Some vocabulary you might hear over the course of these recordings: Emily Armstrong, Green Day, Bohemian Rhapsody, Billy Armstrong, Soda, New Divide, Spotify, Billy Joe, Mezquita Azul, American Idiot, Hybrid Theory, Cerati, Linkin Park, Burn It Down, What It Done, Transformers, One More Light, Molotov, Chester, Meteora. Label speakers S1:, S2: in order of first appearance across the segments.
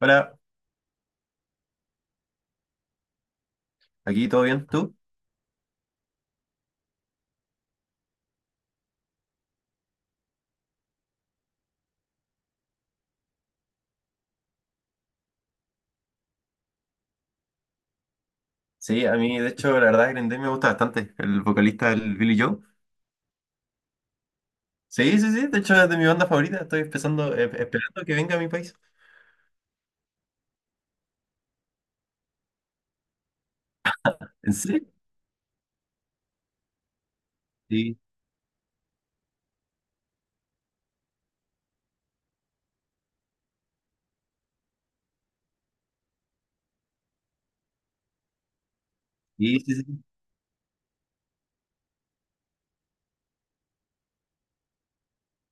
S1: Hola, aquí todo bien, ¿tú? Sí, a mí de hecho la verdad Green Day me gusta bastante, el vocalista el Billy Joe. Sí, sí, sí, de hecho es de mi banda favorita, estoy empezando, esperando que venga a mi país. ¿En serio? Sí, sí, sí, sí.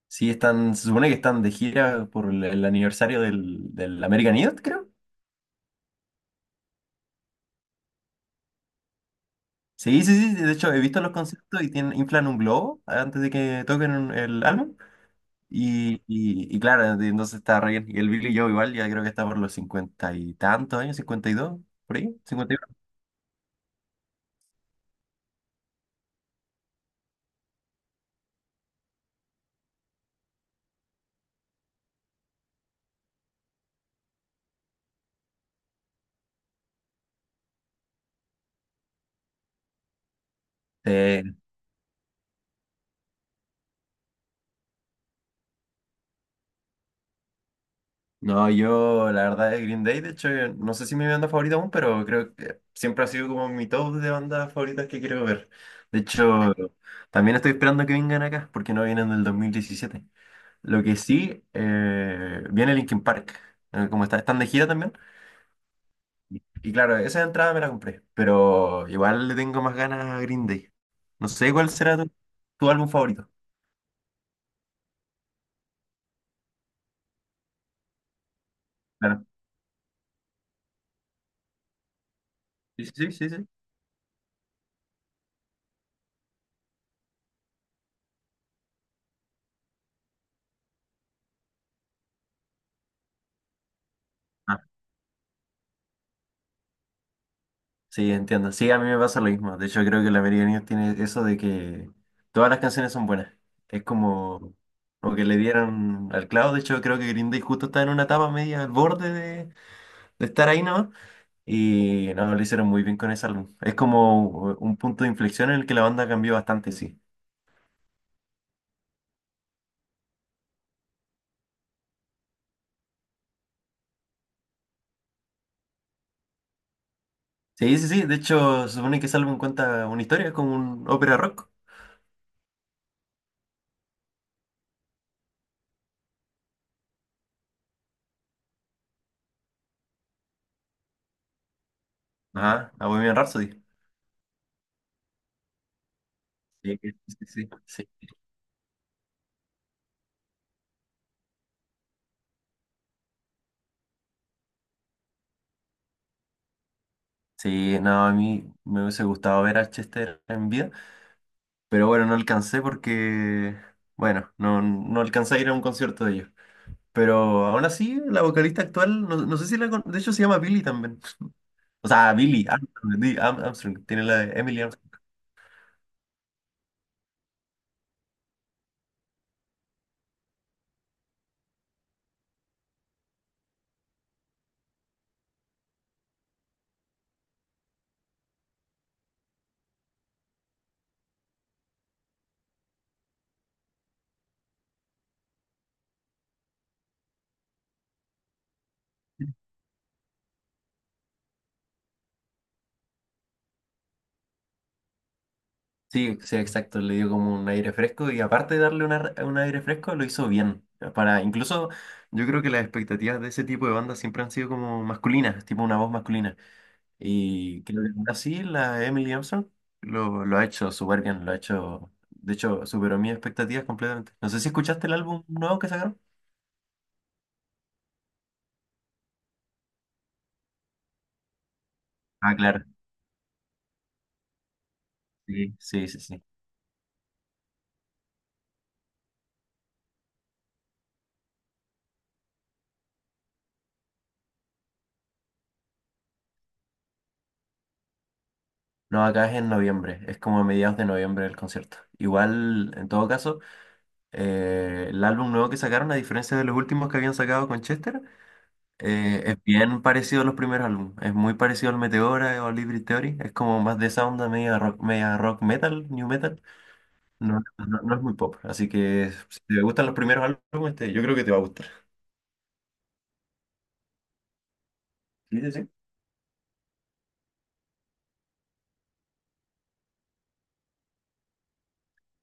S1: Sí, están, se supone que están de gira por el aniversario del American Idiot, creo. Sí, sí, sí, de hecho he visto los conciertos y tienen, inflan un globo antes de que toquen el álbum. Y claro, entonces está re bien. Y el Billy Joe igual ya creo que está por los cincuenta y tantos años, cincuenta y dos, por ahí. Eh, no, yo la verdad es Green Day, de hecho, no sé si mi banda favorita aún, pero creo que siempre ha sido como mi top de bandas favoritas que quiero ver. De hecho, también estoy esperando que vengan acá, porque no vienen del 2017. Lo que sí, viene Linkin Park, como está, están de gira también. Y claro, esa entrada me la compré, pero igual le tengo más ganas a Green Day. No sé cuál será tu álbum favorito. Claro. Sí, sí, sí, sí, sí. Sí, entiendo. Sí, a mí me pasa lo mismo. De hecho, creo que la American Idiot tiene eso de que todas las canciones son buenas. Es como, como que le dieron al clavo. De hecho, creo que Green Day justo está en una etapa media al borde de estar ahí, ¿no? Y no, lo hicieron muy bien con ese álbum. Es como un punto de inflexión en el que la banda cambió bastante, sí. Sí, sí, sí. De hecho, se supone que ese álbum cuenta una historia, es como un ópera rock. Ajá, a Bohemian Rhapsody. Sí, sí, sí, sí. Sí. Sí, no, a mí me hubiese gustado ver a Chester en vida. Pero bueno, no alcancé porque, bueno, no alcancé a ir a un concierto de ellos. Pero aún así, la vocalista actual, no sé si la... De hecho, se llama Billy también. O sea, Billy Armstrong, Armstrong, tiene la de Emily Armstrong. Sí, sí, exacto, le dio como un aire fresco y aparte de darle un aire fresco, lo hizo bien. Para, incluso yo creo que las expectativas de ese tipo de bandas siempre han sido como masculinas, tipo una voz masculina. Y creo que ahora sí, la Emily Armstrong lo ha hecho súper bien, lo ha hecho, de hecho, superó mis expectativas completamente. No sé si escuchaste el álbum nuevo que sacaron. Ah, claro, sí, sí, sí, sí. No, acá es en noviembre, es como a mediados de noviembre el concierto. Igual, en todo caso, el álbum nuevo que sacaron, a diferencia de los últimos que habían sacado con Chester, es bien parecido a los primeros álbumes. Es muy parecido al Meteora o al Hybrid Theory, es como más de esa onda media rock metal, new metal. No, es muy pop, así que si te gustan los primeros álbumes, yo creo que te va a gustar. Sí, sí, sí.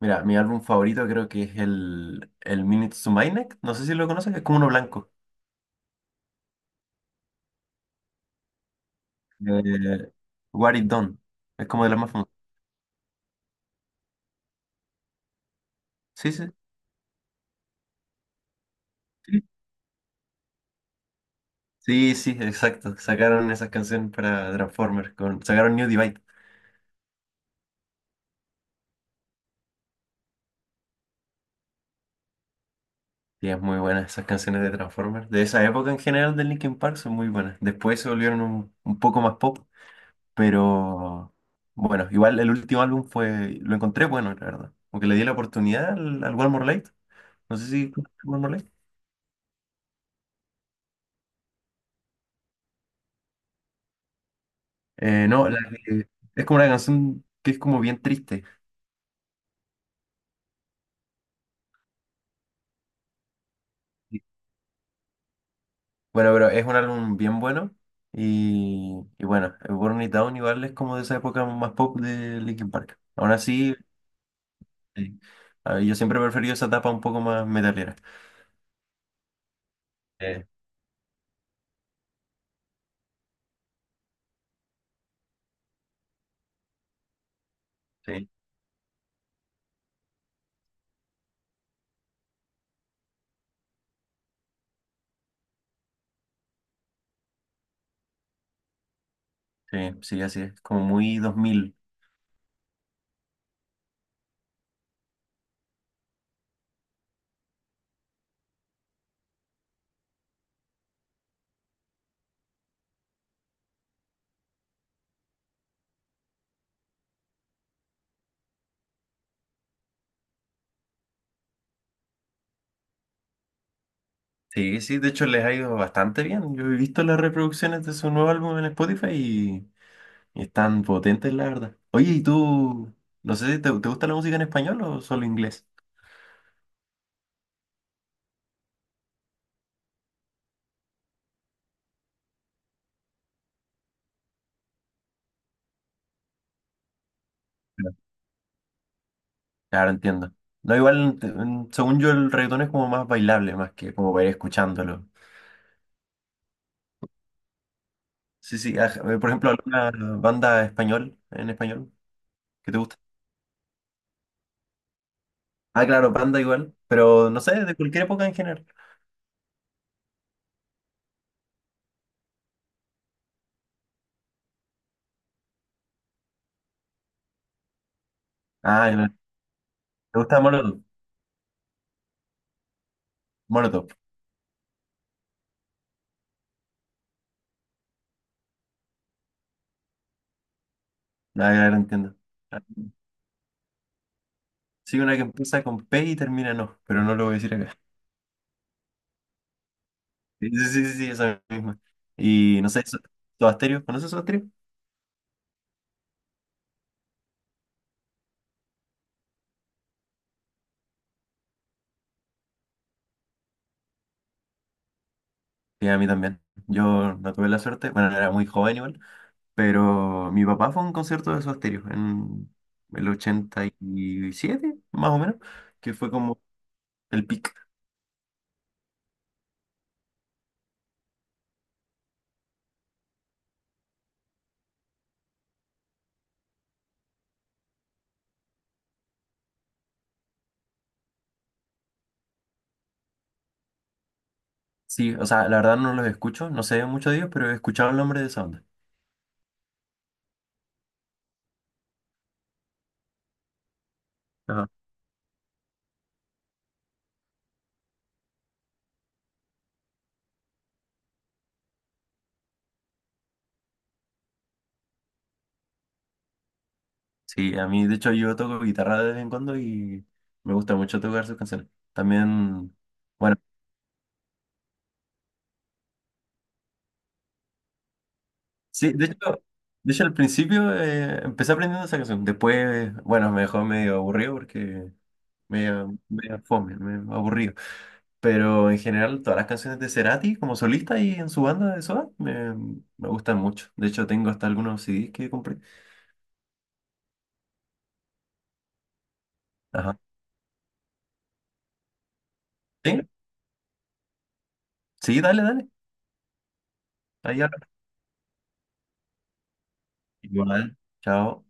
S1: Mira, mi álbum favorito creo que es el Minutes to My, no sé si lo conoces, es como uno blanco. Eh, What It Done, es como de las más famosas. Sí, sí, sí. Sí, sí, exacto. Sacaron esas canciones para Transformers, con, sacaron New Divide. Y es muy buena esas canciones de Transformers. De esa época en general de Linkin Park son muy buenas. Después se volvieron un poco más pop. Pero bueno, igual el último álbum fue, lo encontré bueno, la verdad. Porque le di la oportunidad al One More Light. No sé si conoces One More Light. No, la que- es como una canción que es como bien triste. Y- Bueno, pero es un álbum bien bueno. Y bueno, el Burn It Down igual es como de esa época más pop de Linkin Park. Aún así, eh, yo siempre he preferido esa etapa un poco más metalera. Eh, sí, sí, sí, así es. Como muy dos mil. Sí, sí, de hecho les ha ido bastante bien. Yo he visto las reproducciones de su nuevo álbum en Spotify y están potentes, la verdad. Oye, ¿y tú? No sé, te gusta la música en español o solo inglés? Claro, claro, entiendo. No, igual, según yo, el reggaetón es como más bailable, más que como para ir escuchándolo. Sí, sí, por ejemplo, ¿alguna banda español, en español, que te gusta? Ah, claro, banda igual, pero no sé, de cualquier época en general. Ah, ya, ¿te gusta Molotov? Molotov, ah, claro, entiendo. Sí, una que empieza con P y termina en O, pero no lo voy a decir acá. Sí, sí, sí, sí, sí, esa misma. Y no sé, Soda, ¿conoces Soda? Sí, a mí también. Yo no tuve la suerte, bueno, era muy joven igual, pero mi papá fue a un concierto de Soda en el 87, más o menos, que fue como el pic. Sí, o sea, la verdad no los escucho, no sé mucho de ellos, pero he escuchado el nombre de esa onda. Ajá. Sí, a mí, de hecho, yo toco guitarra de vez en cuando y me gusta mucho tocar sus canciones. También... bueno. Sí, de hecho al principio empecé aprendiendo esa canción. Después, bueno, me dejó medio aburrido porque medio fome, medio aburrido. Pero en general, todas las canciones de Cerati como solista y en su banda de Soda me gustan mucho. De hecho, tengo hasta algunos CDs que compré. Ajá. ¿Sí? Sí, dale, dale. Ahí habla. Igual. Chao.